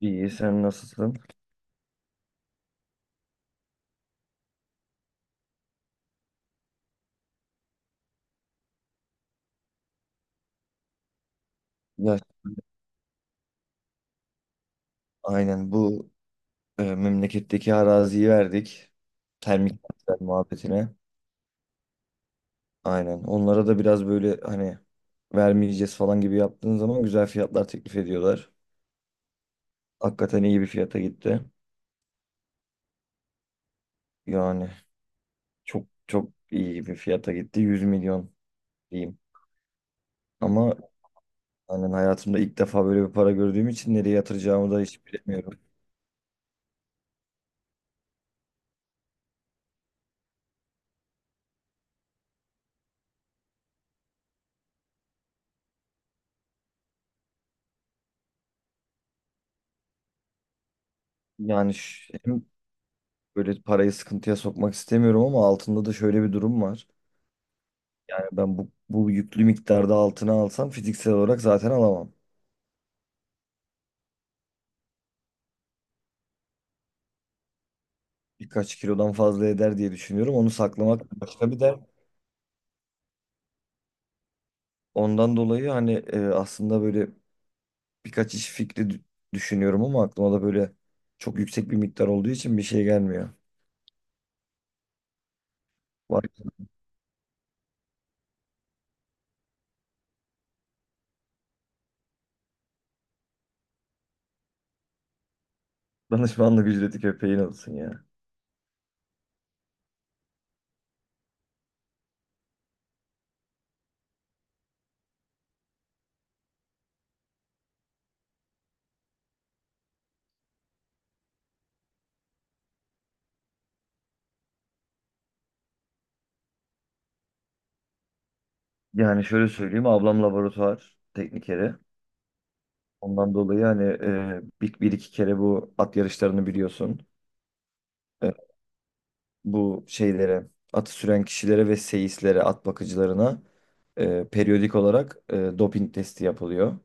İyi, sen nasılsın? Ya aynen bu memleketteki araziyi verdik. Termik santral muhabbetine. Aynen. Onlara da biraz böyle hani vermeyeceğiz falan gibi yaptığın zaman güzel fiyatlar teklif ediyorlar. Hakikaten iyi bir fiyata gitti. Yani çok çok iyi bir fiyata gitti. 100 milyon diyeyim. Ama hani hayatımda ilk defa böyle bir para gördüğüm için nereye yatıracağımı da hiç bilemiyorum. Yani hem böyle parayı sıkıntıya sokmak istemiyorum ama altında da şöyle bir durum var. Yani ben bu yüklü miktarda altına alsam fiziksel olarak zaten alamam. Birkaç kilodan fazla eder diye düşünüyorum. Onu saklamak başka bir dert. Ondan dolayı hani aslında böyle birkaç iş fikri düşünüyorum ama aklıma da böyle çok yüksek bir miktar olduğu için bir şey gelmiyor. Var ki danışmanlık ücreti köpeğin olsun ya. Yani şöyle söyleyeyim, ablam laboratuvar teknikeri. Ondan dolayı hani bir iki kere bu at yarışlarını biliyorsun. E, Bu şeylere, atı süren kişilere ve seyislere, at bakıcılarına periyodik olarak doping testi yapılıyor.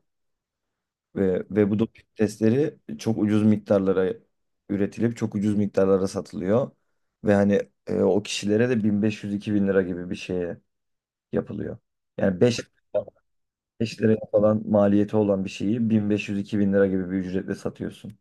Ve bu doping testleri çok ucuz miktarlara üretilip çok ucuz miktarlara satılıyor. Ve hani o kişilere de 1500-2000 lira gibi bir şeye yapılıyor. Yani beş liraya falan maliyeti olan bir şeyi 1500-2000 lira gibi bir ücretle satıyorsun.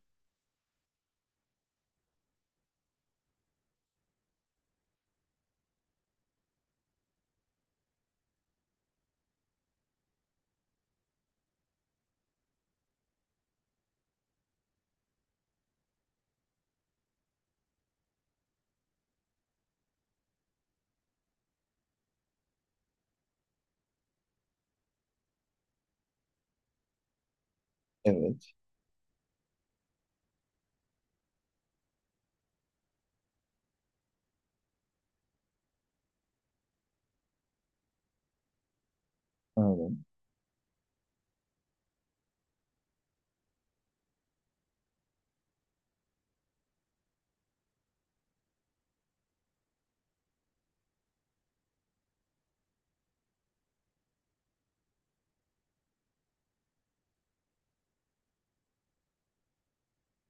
Evet, aynen.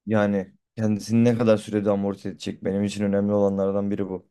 Yani kendisini ne kadar sürede amorti edecek, benim için önemli olanlardan biri bu.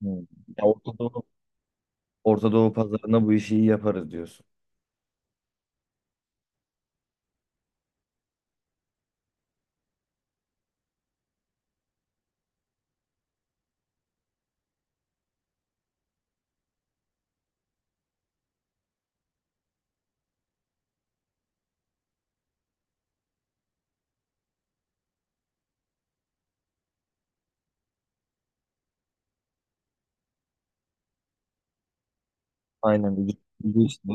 Hmm. Ya Orta Doğu, Orta Doğu pazarına bu işi iyi yaparız diyorsun. Aynen. Bir ucuz işte.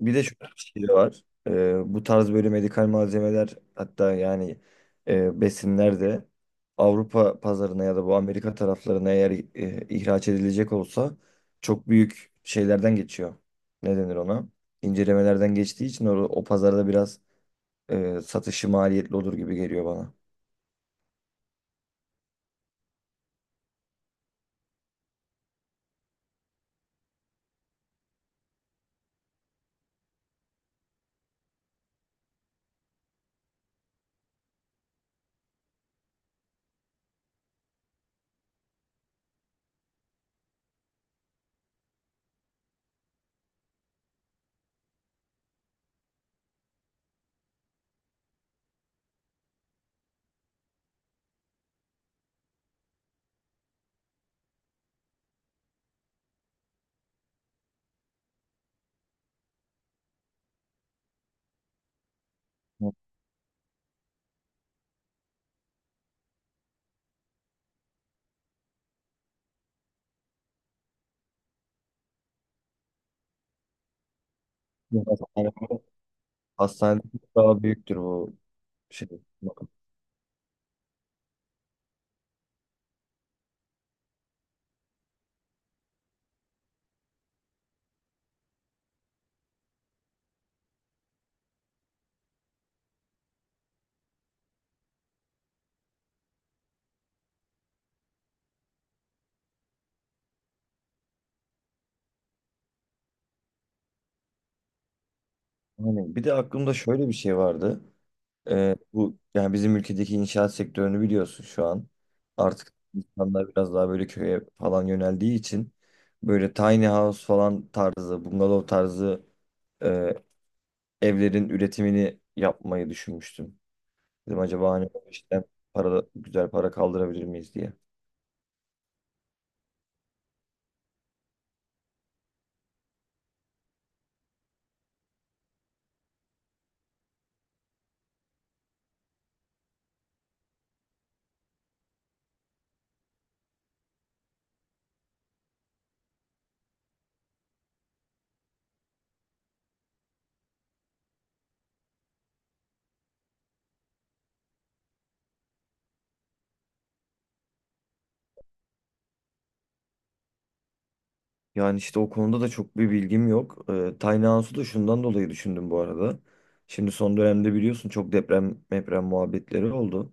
Bir de şöyle bir şey de var. Bu tarz böyle medikal malzemeler, hatta yani besinler de Avrupa pazarına ya da bu Amerika taraflarına eğer ihraç edilecek olsa çok büyük şeylerden geçiyor. Ne denir ona? İncelemelerden geçtiği için o pazarda biraz satışı maliyetli olur gibi geliyor bana. Hastanede, hastanede çok daha büyüktür bu şey. Yani bir de aklımda şöyle bir şey vardı. Bu yani bizim ülkedeki inşaat sektörünü biliyorsun şu an. Artık insanlar biraz daha böyle köye falan yöneldiği için böyle tiny house falan tarzı, bungalov tarzı e, evlerin üretimini yapmayı düşünmüştüm. Dedim acaba hani işte para, güzel para kaldırabilir miyiz diye. Yani işte o konuda da çok bir bilgim yok. Tiny house'u da şundan dolayı düşündüm bu arada. Şimdi son dönemde biliyorsun çok deprem muhabbetleri oldu.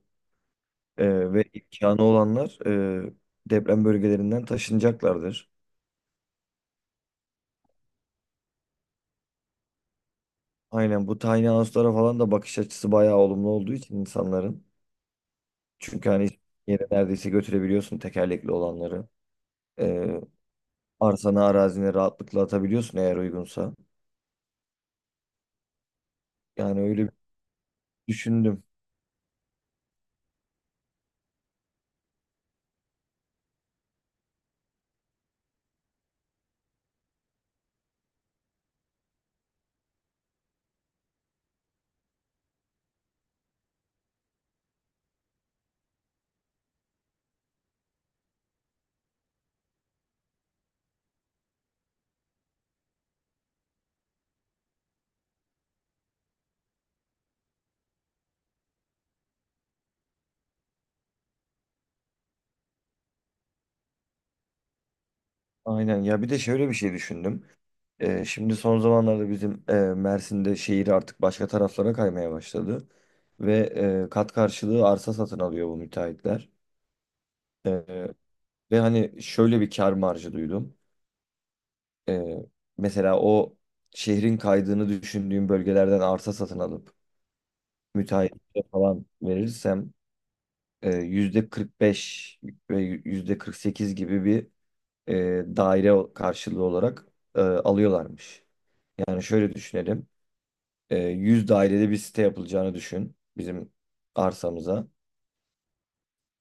Ve imkanı olanlar e, deprem bölgelerinden taşınacaklardır. Aynen, bu tiny house'lara falan da bakış açısı bayağı olumlu olduğu için insanların. Çünkü hani yere neredeyse götürebiliyorsun tekerlekli olanları. Ee, arsana arazine rahatlıkla atabiliyorsun eğer uygunsa. Yani öyle bir düşündüm. Aynen ya, bir de şöyle bir şey düşündüm. Şimdi son zamanlarda bizim Mersin'de şehir artık başka taraflara kaymaya başladı. Ve kat karşılığı arsa satın alıyor bu müteahhitler. Ve hani şöyle bir kar marjı duydum. Ee, mesela o şehrin kaydığını düşündüğüm bölgelerden arsa satın alıp müteahhitlere falan verirsem %45 ve %48 gibi bir daire karşılığı olarak alıyorlarmış. Yani şöyle düşünelim. 100 dairede bir site yapılacağını düşün bizim arsamıza.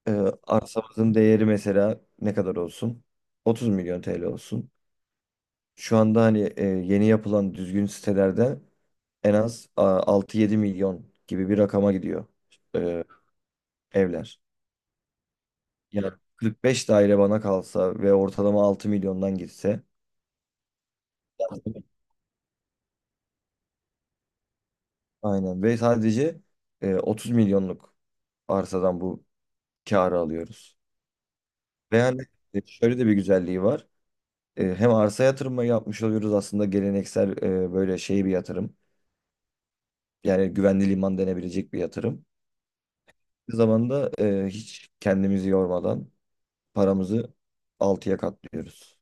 E, arsamızın değeri mesela ne kadar olsun? 30 milyon TL olsun. Şu anda hani yeni yapılan düzgün sitelerde en az 6-7 milyon gibi bir rakama gidiyor e, evler. Yani 45 daire bana kalsa ve ortalama 6 milyondan gitse aynen ve sadece 30 milyonluk arsadan bu kârı alıyoruz. Ve yani şöyle de bir güzelliği var. Hem arsa yatırımı yapmış oluyoruz, aslında geleneksel böyle şey bir yatırım. Yani güvenli liman denebilecek bir yatırım. Bir zamanda hiç kendimizi yormadan paramızı altıya katlıyoruz.